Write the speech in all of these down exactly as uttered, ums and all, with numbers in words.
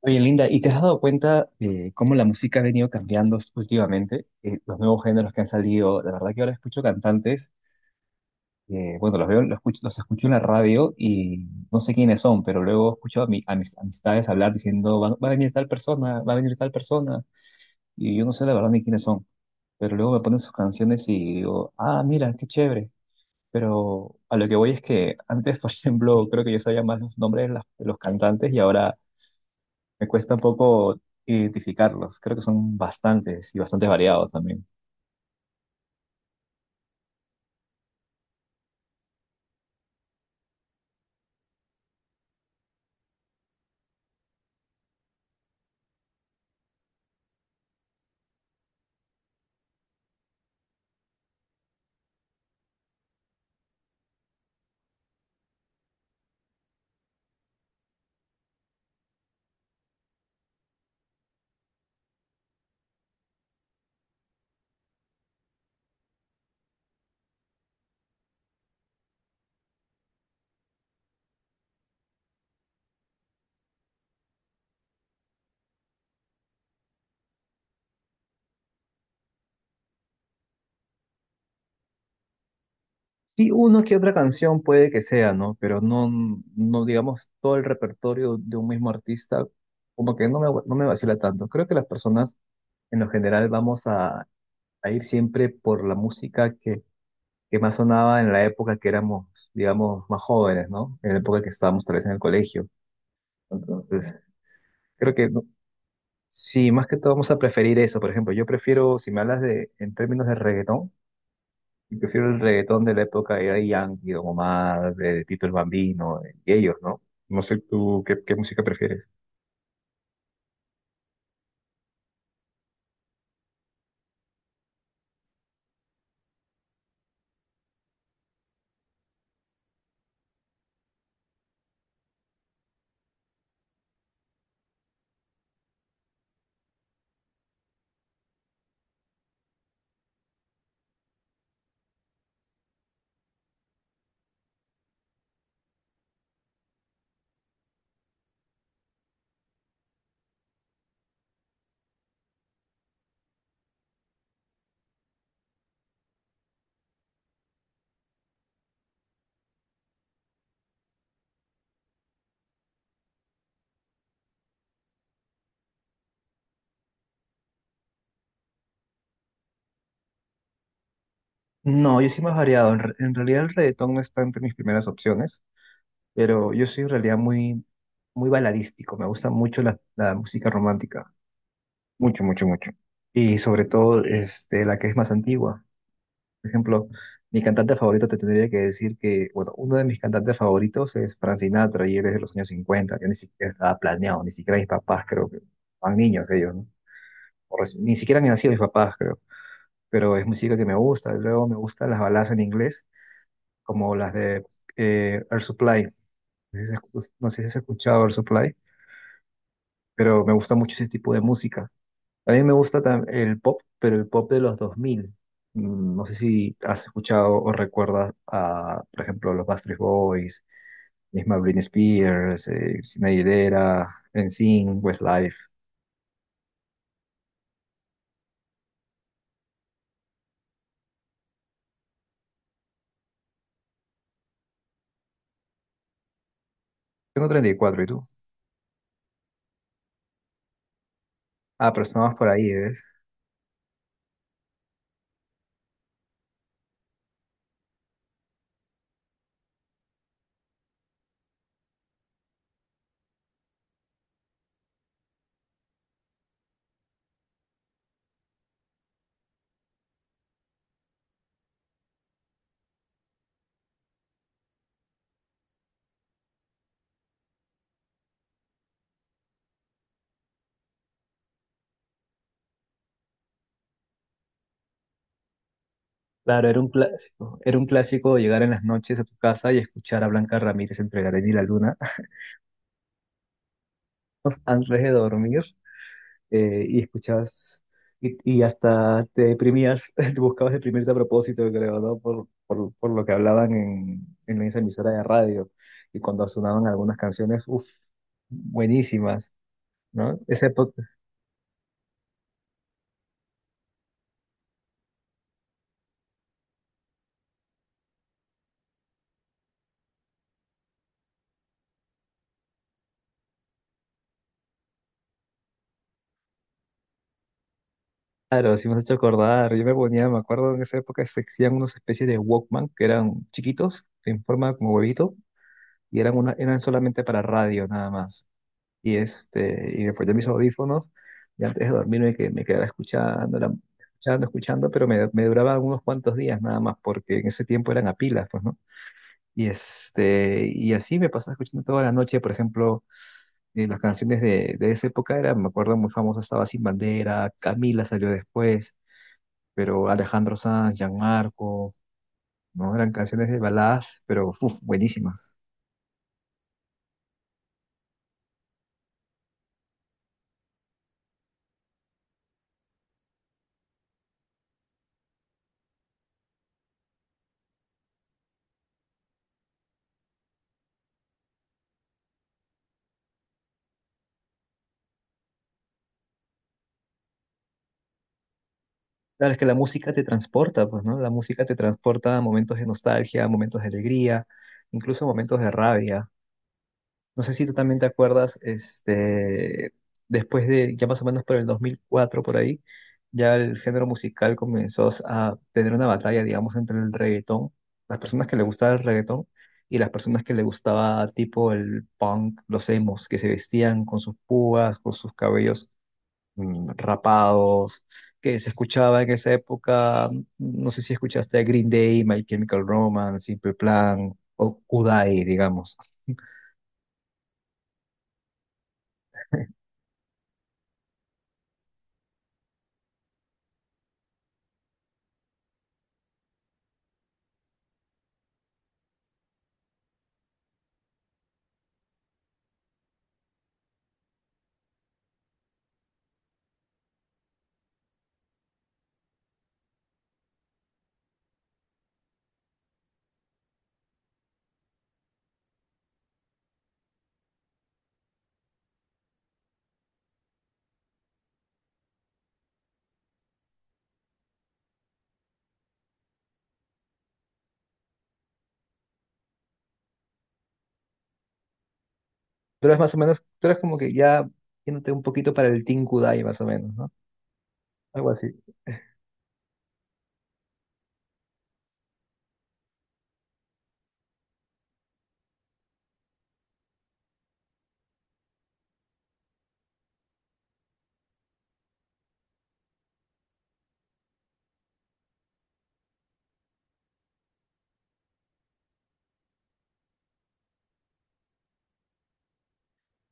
Oye, Linda, ¿y te has dado cuenta de cómo la música ha venido cambiando últimamente? Eh, los nuevos géneros que han salido, la verdad que ahora escucho cantantes, eh, bueno, los veo, los escucho, los escucho en la radio y no sé quiénes son, pero luego escucho a, mi- a mis amistades hablar diciendo, va, va a venir tal persona, va a venir tal persona, y yo no sé la verdad ni quiénes son, pero luego me ponen sus canciones y digo, ah, mira, qué chévere. Pero a lo que voy es que antes, por ejemplo, creo que yo sabía más los nombres de las- de los cantantes y ahora me cuesta un poco identificarlos. Creo que son bastantes y bastante variados también. Y una que otra canción puede que sea, ¿no? Pero no, no digamos todo el repertorio de un mismo artista, como que no me, no me vacila tanto. Creo que las personas en lo general vamos a, a ir siempre por la música que, que más sonaba en la época que éramos, digamos, más jóvenes, ¿no? En la época que estábamos tal vez en el colegio. Entonces, creo que no- sí, más que todo vamos a preferir eso. Por ejemplo, yo prefiero, si me hablas de, en términos de reggaetón, yo prefiero el reggaetón de la época de Daddy Yankee, Don Omar, de Tito el Bambino, y ellos, ¿no? No sé tú qué, qué música prefieres. No, yo soy más variado. En, re- en realidad el reggaetón no está entre mis primeras opciones, pero yo soy en realidad muy, muy baladístico. Me gusta mucho la, la música romántica. Mucho, mucho, mucho. Y sobre todo este, la que es más antigua. Por ejemplo, mi cantante favorito te tendría que decir que, bueno, uno de mis cantantes favoritos es Frank Sinatra y él es de los años cincuenta. Yo ni siquiera estaba planeado, ni siquiera mis papás creo que eran niños ellos, ¿no? O reci- ni siquiera han nacido mis papás creo, pero es música que me gusta. Luego me gustan las baladas en inglés, como las de eh, Air Supply. No sé si has escu- no sé si has escuchado Air Supply, pero me gusta mucho ese tipo de música. A mí me gusta tam- el pop, pero el pop de los dos mil. Mm, No sé si has escuchado o recuerdas a, por ejemplo, los Backstreet Boys, misma Britney Spears, eh, Christina Aguilera, N SYNC, Westlife. Tengo treinta y cuatro, ¿y cuatro, ¿y tú? Ah, pero estamos por ahí, ¿ves? Claro, era un clásico. Era un clásico llegar en las noches a tu casa y escuchar a Blanca Ramírez entre la arena y la luna antes de dormir. Eh, y escuchabas y, y hasta te deprimías, te buscabas deprimirte a propósito, creo, ¿no? Por, por, por lo que hablaban en, en esa emisora de radio y cuando sonaban algunas canciones, uff, buenísimas. ¿No? Esa época, claro, sí me has hecho acordar. Yo me ponía, me acuerdo en esa época se hacían unas especies de Walkman que eran chiquitos, en forma como huevito, y eran, una, eran solamente para radio, nada más. Y, este, y me ponía mis audífonos y antes de dormirme que- me quedaba escuchando, la- escuchando, escuchando, pero me, me duraba unos cuantos días nada más, porque en ese tiempo eran a pilas, pues, ¿no? Y, este, y así me pasaba escuchando toda la noche, por ejemplo, eh, las canciones de, de esa época eran, me acuerdo, muy famosa estaba Sin Bandera, Camila salió después, pero Alejandro Sanz, Gianmarco, ¿no? Eran canciones de baladas, pero uf, buenísimas. Claro, es que la música te transporta, pues, ¿no? La música te transporta a momentos de nostalgia, a momentos de alegría, incluso a momentos de rabia. No sé si tú también te acuerdas, este, después de, ya más o menos por el dos mil cuatro, por ahí, ya el género musical comenzó a tener una batalla, digamos, entre el reggaetón, las personas que le gustaba el reggaetón y las personas que le gustaba tipo el punk, los emos, que se vestían con sus púas, con sus cabellos mm, rapados, que se escuchaba en esa época, no sé si escuchaste a Green Day, My Chemical Romance, Simple Plan o Kudai, digamos. Tú eres más o menos, tú eres como que ya yéndote un poquito para el Team Kudai, más o menos, ¿no? Algo así.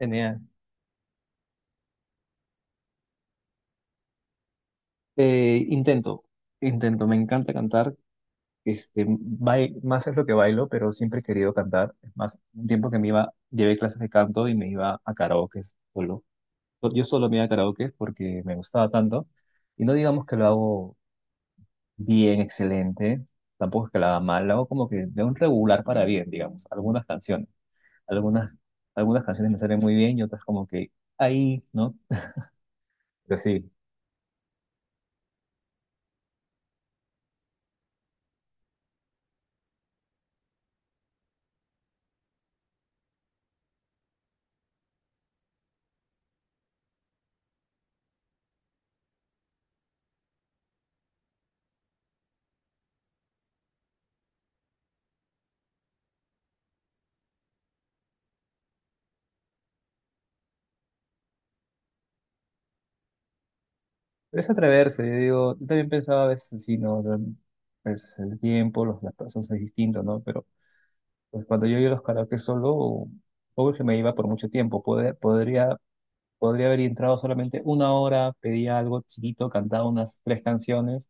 Genial. Eh, intento, intento, me encanta cantar. Este, bai- más es lo que bailo, pero siempre he querido cantar. Es más, un tiempo que me iba, llevé clases de canto y me iba a karaoke solo. so- Yo solo me iba a karaoke porque me gustaba tanto. Y no digamos que lo hago bien, excelente. Tampoco es que lo haga mal. Lo hago como que de un regular para bien, digamos. Algunas canciones. Algunas, algunas canciones me salen muy bien y otras como que ahí, ¿no? Pero sí. Pero es atreverse. Yo digo, yo también pensaba a veces, sí, no, es el tiempo, los, las personas es distinto, ¿no? Pero pues, cuando yo iba a los karaoke solo, obvio que me iba por mucho tiempo. Poder, podría podría haber entrado solamente una hora, pedía algo chiquito, cantaba unas tres canciones,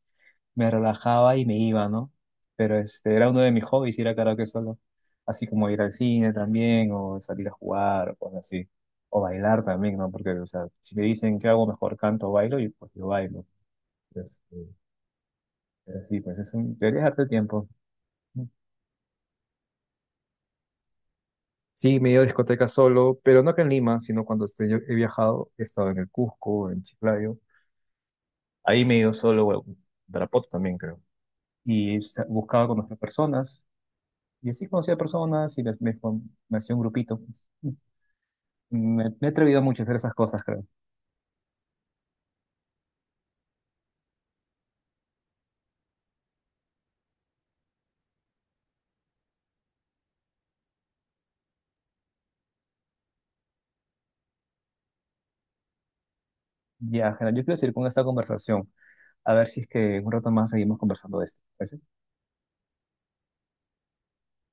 me relajaba y me iba, ¿no? Pero este era uno de mis hobbies ir a karaoke solo, así como ir al cine también, o salir a jugar, o cosas así, o bailar también, ¿no? Porque, o sea, si me dicen qué hago mejor, canto o bailo, y pues yo bailo. Este, pero sí, pues es un, deberías darte tiempo. Sí, me he ido a discotecas solo, pero no acá en Lima, sino cuando estoy- he viajado, he estado en el Cusco, en Chiclayo. Ahí me dio solo a Tarapoto también, creo. Y sa- buscaba conocer personas. Y así conocía personas y les- me, con- me hacía un grupito. Me, me he atrevido mucho a hacer esas cosas, creo. Ya, Jena, yo quiero seguir con esta conversación. A ver si es que en un rato más seguimos conversando de esto. ¿Parece?